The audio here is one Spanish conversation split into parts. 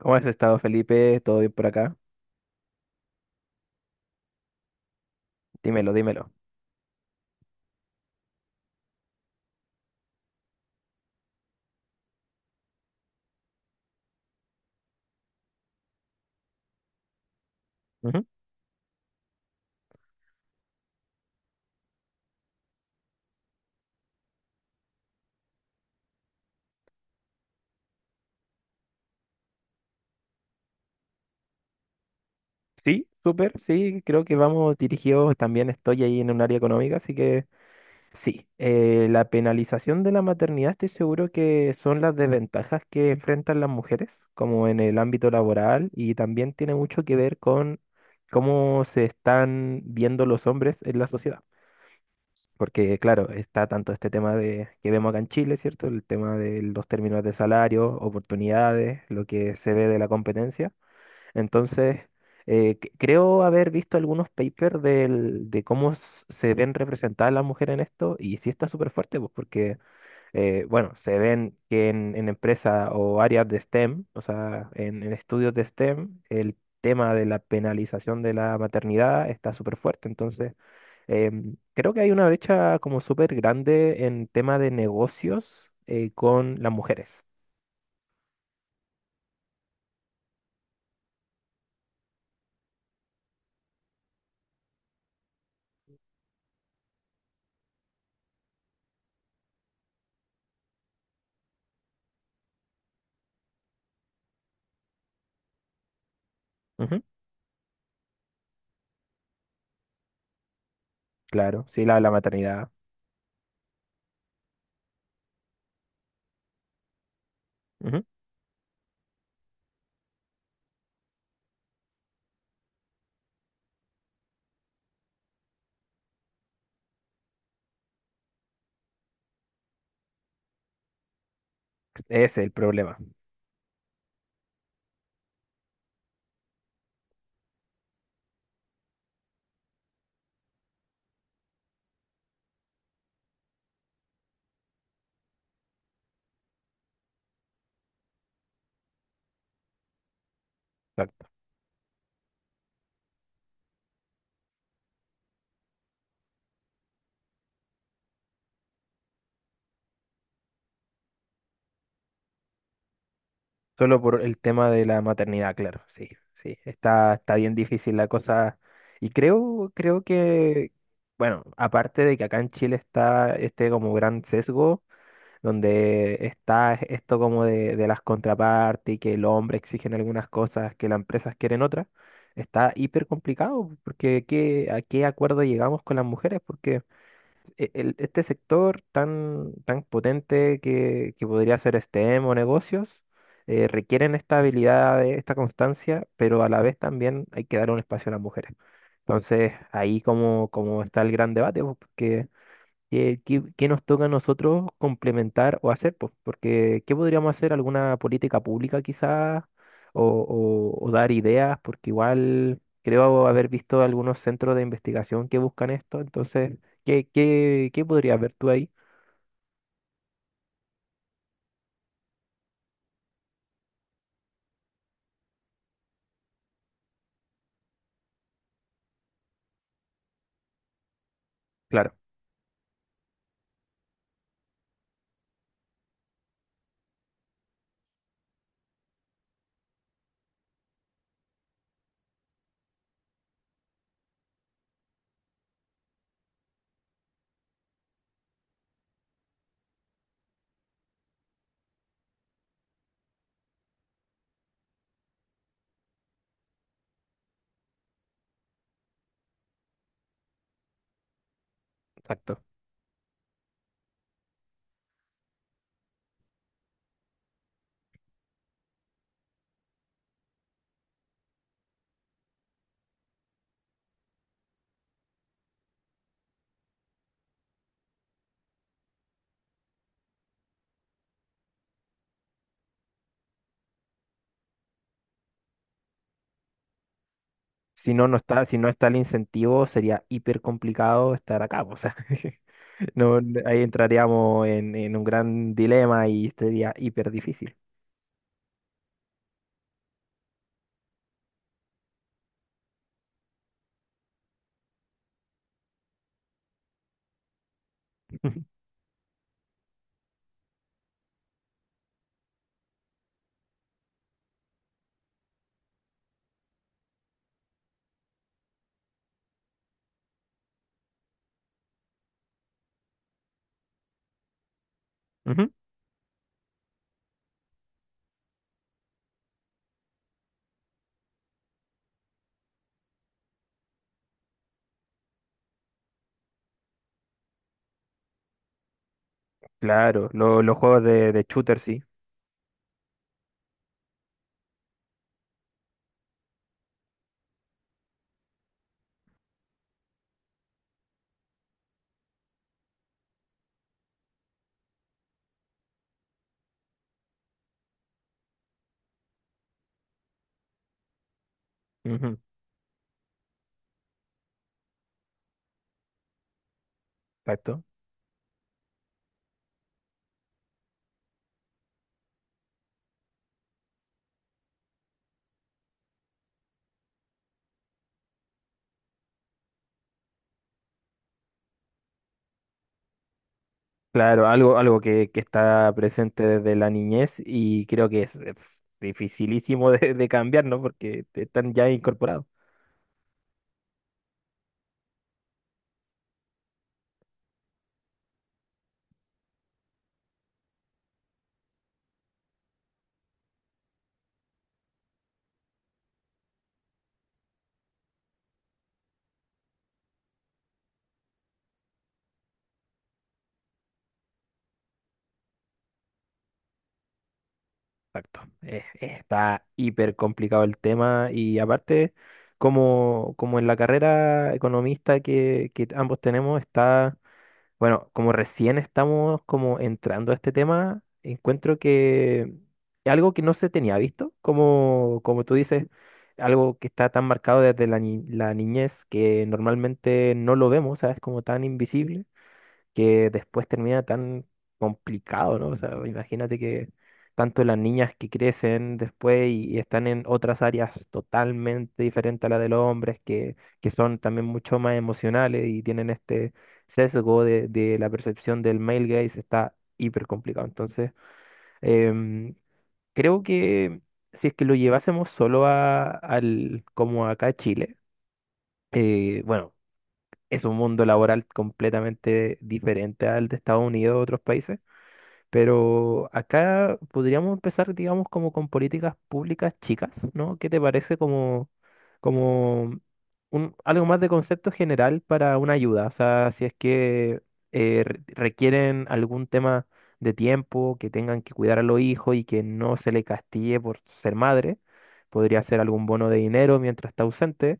¿Cómo has estado, Felipe? ¿Todo bien por acá? Dímelo, dímelo. Ujú. Sí, súper, sí, creo que vamos dirigidos, también estoy ahí en un área económica, así que sí, la penalización de la maternidad estoy seguro que son las desventajas que enfrentan las mujeres, como en el ámbito laboral, y también tiene mucho que ver con cómo se están viendo los hombres en la sociedad. Porque, claro, está tanto este tema de que vemos acá en Chile, ¿cierto? El tema de los términos de salario, oportunidades, lo que se ve de la competencia. Entonces, creo haber visto algunos papers de cómo se ven representadas las mujeres en esto, y sí está súper fuerte, pues, porque, bueno, se ven que en empresas o áreas de STEM, o sea, en estudios de STEM, el tema de la penalización de la maternidad está súper fuerte. Entonces, creo que hay una brecha como súper grande en tema de negocios con las mujeres. Ujú. Claro, sí, la maternidad. Ujú. Ese es el problema. Exacto. Solo por el tema de la maternidad, claro, sí, sí. Está, está bien difícil la cosa. Y creo, creo que, bueno, aparte de que acá en Chile está este como gran sesgo, donde está esto como de las contrapartes y que el hombre exigen algunas cosas que las empresas quieren otras, está hiper complicado, porque ¿a qué acuerdo llegamos con las mujeres? Porque este sector tan, tan potente que podría ser STEM o negocios, requieren esta habilidad, esta constancia, pero a la vez también hay que dar un espacio a las mujeres. Entonces, ahí como, como está el gran debate, pues, porque ¿Qué, qué nos toca a nosotros complementar o hacer? Pues, porque ¿qué podríamos hacer? ¿Alguna política pública quizás? O, o dar ideas, porque igual creo haber visto algunos centros de investigación que buscan esto. Entonces, ¿qué, qué, qué podrías ver tú ahí? Claro, exacto. Si no, no está, si no está el incentivo, sería hiper complicado estar acá, po. O sea, no, ahí entraríamos en un gran dilema y sería hiper difícil. Ujú. Claro, los juegos de shooter sí. Ujú, exacto. Claro, algo, algo que está presente desde la niñez y creo que es dificilísimo de cambiar, ¿no? Porque te están ya incorporados. Exacto. Está hiper complicado el tema y aparte, como, como en la carrera economista que ambos tenemos, está. Bueno, como recién estamos como entrando a este tema, encuentro que algo que no se tenía visto, como, como tú dices, algo que está tan marcado desde la, la niñez que normalmente no lo vemos, ¿sabes? Como tan invisible que después termina tan complicado, ¿no? O sea, imagínate que tanto las niñas que crecen después y están en otras áreas totalmente diferentes a la de los hombres, que son también mucho más emocionales y tienen este sesgo de la percepción del male gaze, está hiper complicado. Entonces, em, creo que si es que lo llevásemos solo a, al, como acá a Chile, bueno, es un mundo laboral completamente diferente al de Estados Unidos o otros países, pero acá podríamos empezar, digamos, como con políticas públicas chicas, ¿no? ¿Qué te parece como, como un, algo más de concepto general para una ayuda? O sea, si es que requieren algún tema de tiempo, que tengan que cuidar a los hijos y que no se le castigue por ser madre, podría ser algún bono de dinero mientras está ausente,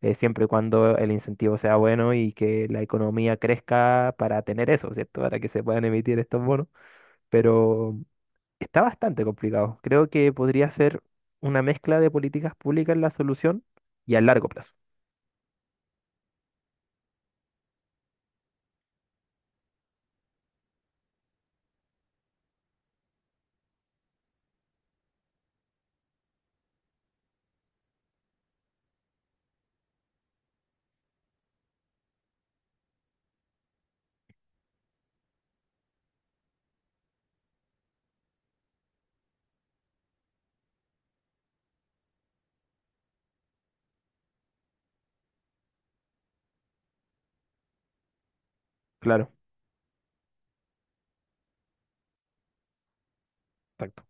siempre y cuando el incentivo sea bueno y que la economía crezca para tener eso, ¿cierto? Para que se puedan emitir estos bonos. Pero está bastante complicado. Creo que podría ser una mezcla de políticas públicas la solución y a largo plazo. Claro, exacto.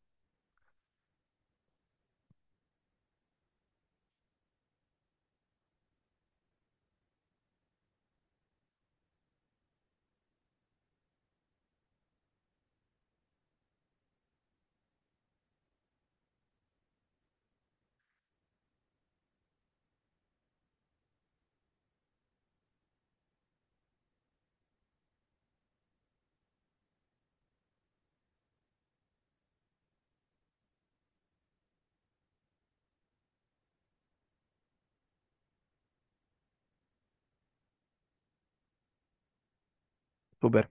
Súper,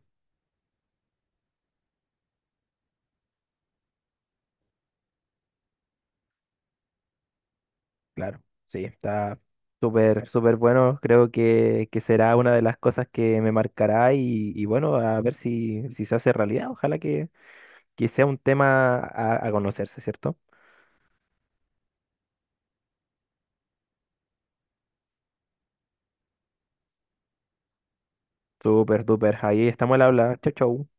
claro. Sí, está súper, súper bueno. Creo que será una de las cosas que me marcará y bueno, a ver si, si se hace realidad. Ojalá que sea un tema a conocerse, ¿cierto? Súper, súper. Ahí estamos al habla. Chau, chau.